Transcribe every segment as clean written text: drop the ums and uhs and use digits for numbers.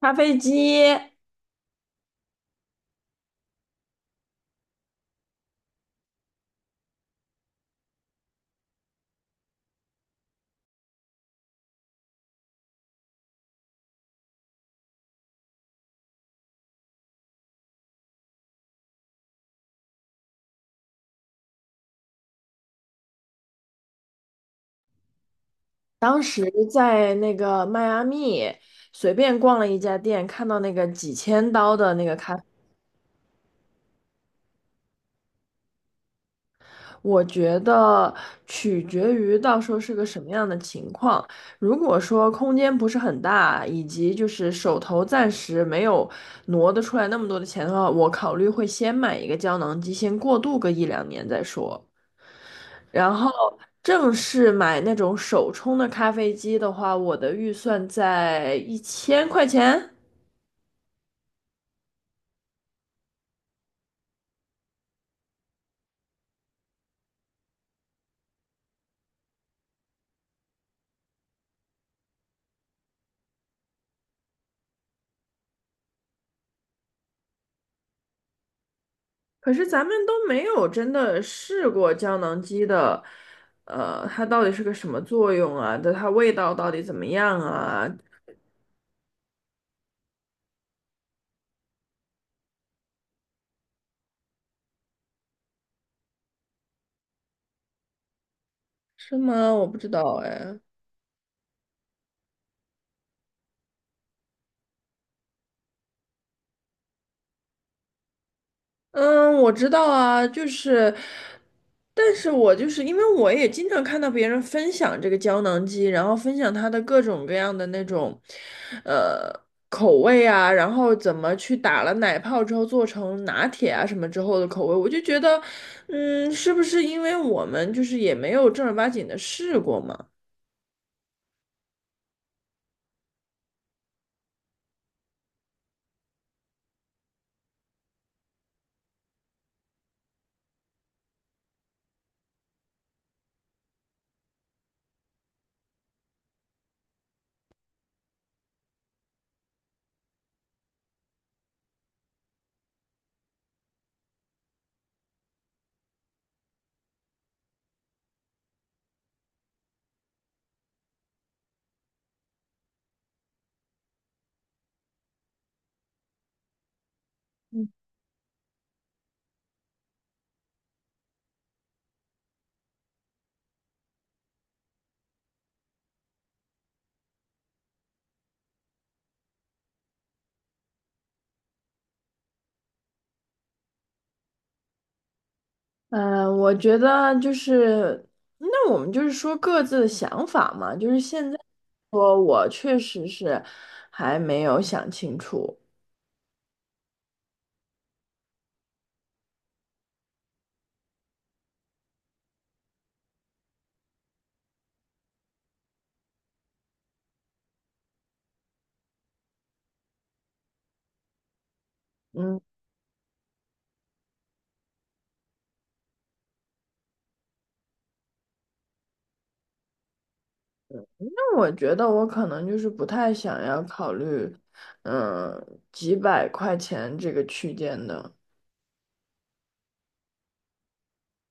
咖啡机，当时在那个迈阿密随便逛了一家店，看到那个几千刀的那个咖，我觉得取决于到时候是个什么样的情况。如果说空间不是很大，以及就是手头暂时没有挪得出来那么多的钱的话，我考虑会先买一个胶囊机，先过渡个一两年再说。然后正式买那种手冲的咖啡机的话，我的预算在1000块钱。可是咱们都没有真的试过胶囊机的，它到底是个什么作用啊？的它味道到底怎么样啊？是吗？我不知道哎。嗯，我知道啊，就是，但是我就是因为我也经常看到别人分享这个胶囊机，然后分享它的各种各样的那种，呃，口味啊，然后怎么去打了奶泡之后做成拿铁啊什么之后的口味，我就觉得，嗯，是不是因为我们就是也没有正儿八经的试过嘛？嗯，我觉得就是，那我们就是说各自的想法嘛。就是现在说，我确实是还没有想清楚。嗯，那我觉得我可能就是不太想要考虑，嗯，几百块钱这个区间的。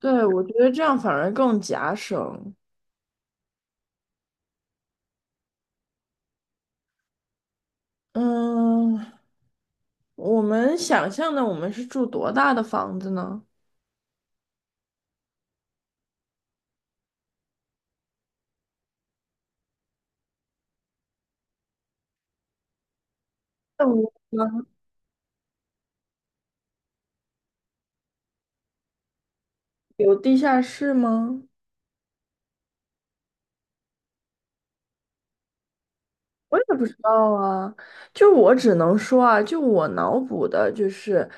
对，我觉得这样反而更夹省。嗯，我们想象的我们是住多大的房子呢？那我们有地下室吗？我也不知道啊，就我只能说啊，就我脑补的，就是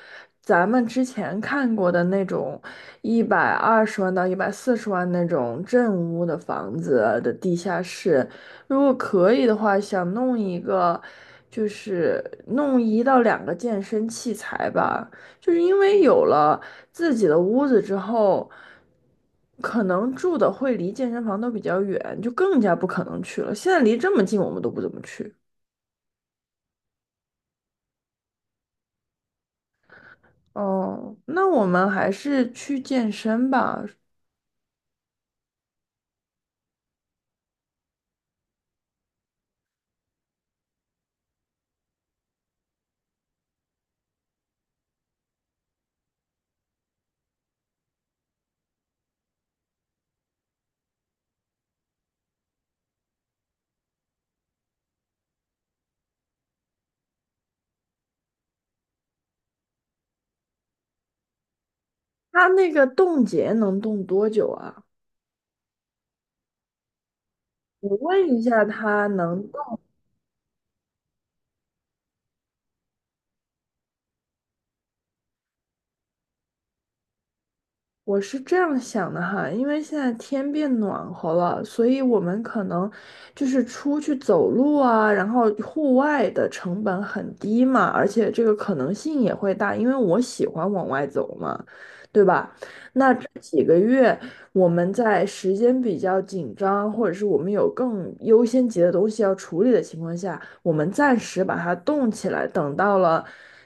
咱们之前看过的那种120万到140万那种正屋的房子的地下室，如果可以的话，想弄一个，就是弄一到两个健身器材吧，就是因为有了。自己的屋子之后，可能住的会离健身房都比较远，就更加不可能去了。现在离这么近，我们都不怎么去。哦，那我们还是去健身吧。他那个冻结能冻多久啊？我问一下，我是这样想的哈，因为现在天变暖和了，所以我们可能就是出去走路啊，然后户外的成本很低嘛，而且这个可能性也会大，因为我喜欢往外走嘛，对吧？那这几个月我们在时间比较紧张，或者是我们有更优先级的东西要处理的情况下，我们暂时把它冻起来，等到了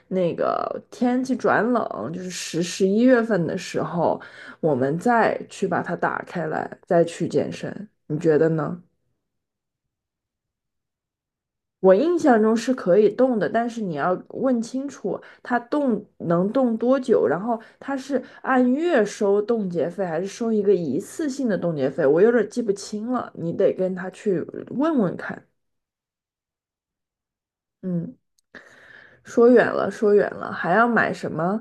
那个天气转冷，就是十一月份的时候。我们再去把它打开来，再去健身，你觉得呢？我印象中是可以动的，但是你要问清楚它动能动多久，然后它是按月收冻结费，还是收一个一次性的冻结费？我有点记不清了，你得跟他去问问看。嗯，说远了，说远了，还要买什么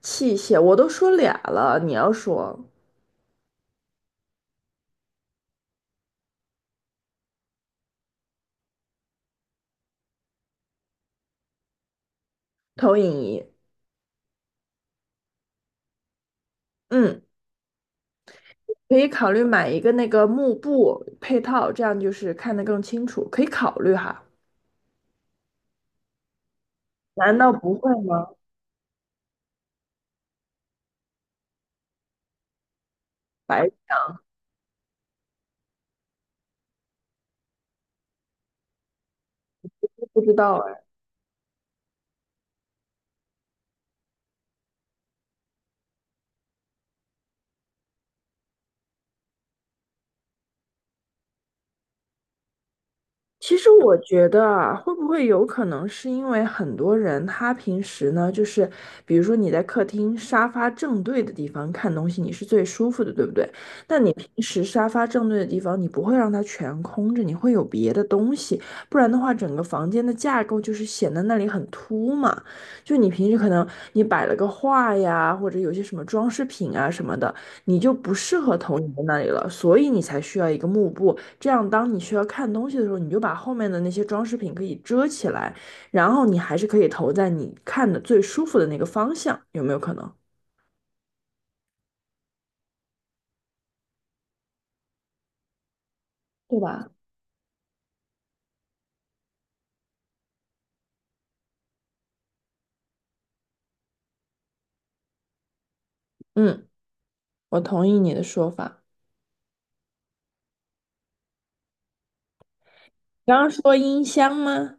器械？我都说俩了，你要说投影仪，嗯。可以考虑买一个那个幕布配套，这样就是看得更清楚，可以考虑哈。难道不会吗？白痴不知道啊。其实我觉得啊，会不会有可能是因为很多人他平时呢，就是比如说你在客厅沙发正对的地方看东西，你是最舒服的，对不对？但你平时沙发正对的地方，你不会让它全空着，你会有别的东西，不然的话，整个房间的架构就是显得那里很突嘛。就你平时可能你摆了个画呀，或者有些什么装饰品啊什么的，你就不适合投影在那里了，所以你才需要一个幕布。这样，当你需要看东西的时候，你就把后面的那些装饰品可以遮起来，然后你还是可以投在你看的最舒服的那个方向，有没有可能？对吧？嗯，我同意你的说法。刚刚说音箱吗？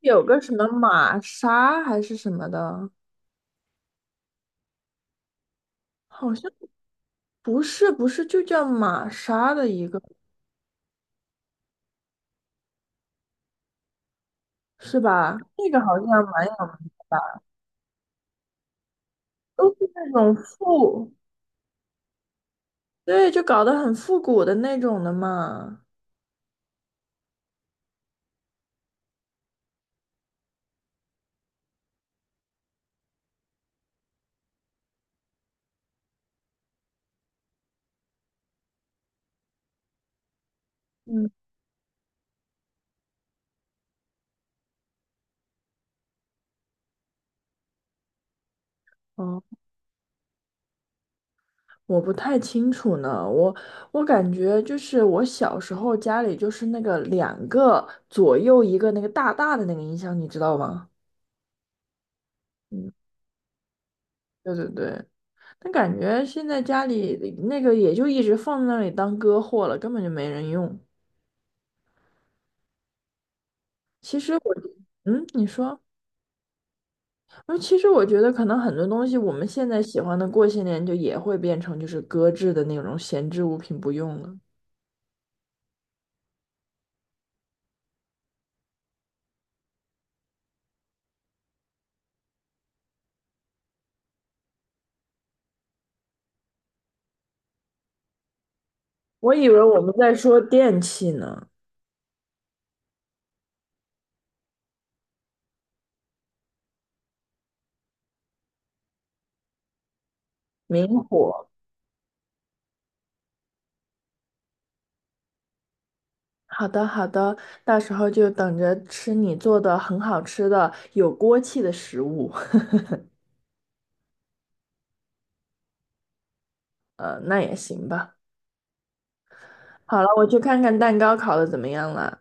有个什么玛莎还是什么的，好像不是，不是，就叫玛莎的一个，是吧？那个好像蛮有名的吧，都是那种复，对，就搞得很复古的那种的嘛。嗯，哦。我不太清楚呢，我感觉就是我小时候家里就是那个两个左右一个那个大大的那个音箱，你知道吗？嗯，对对对，但感觉现在家里那个也就一直放在那里当歌货了，根本就没人用。其实我，嗯，你说，我说其实我觉得可能很多东西我们现在喜欢的，过些年就也会变成就是搁置的那种闲置物品不用了。我以为我们在说电器呢，明火。好的，好的，到时候就等着吃你做的很好吃的有锅气的食物。那也行吧。好了，我去看看蛋糕烤的怎么样了。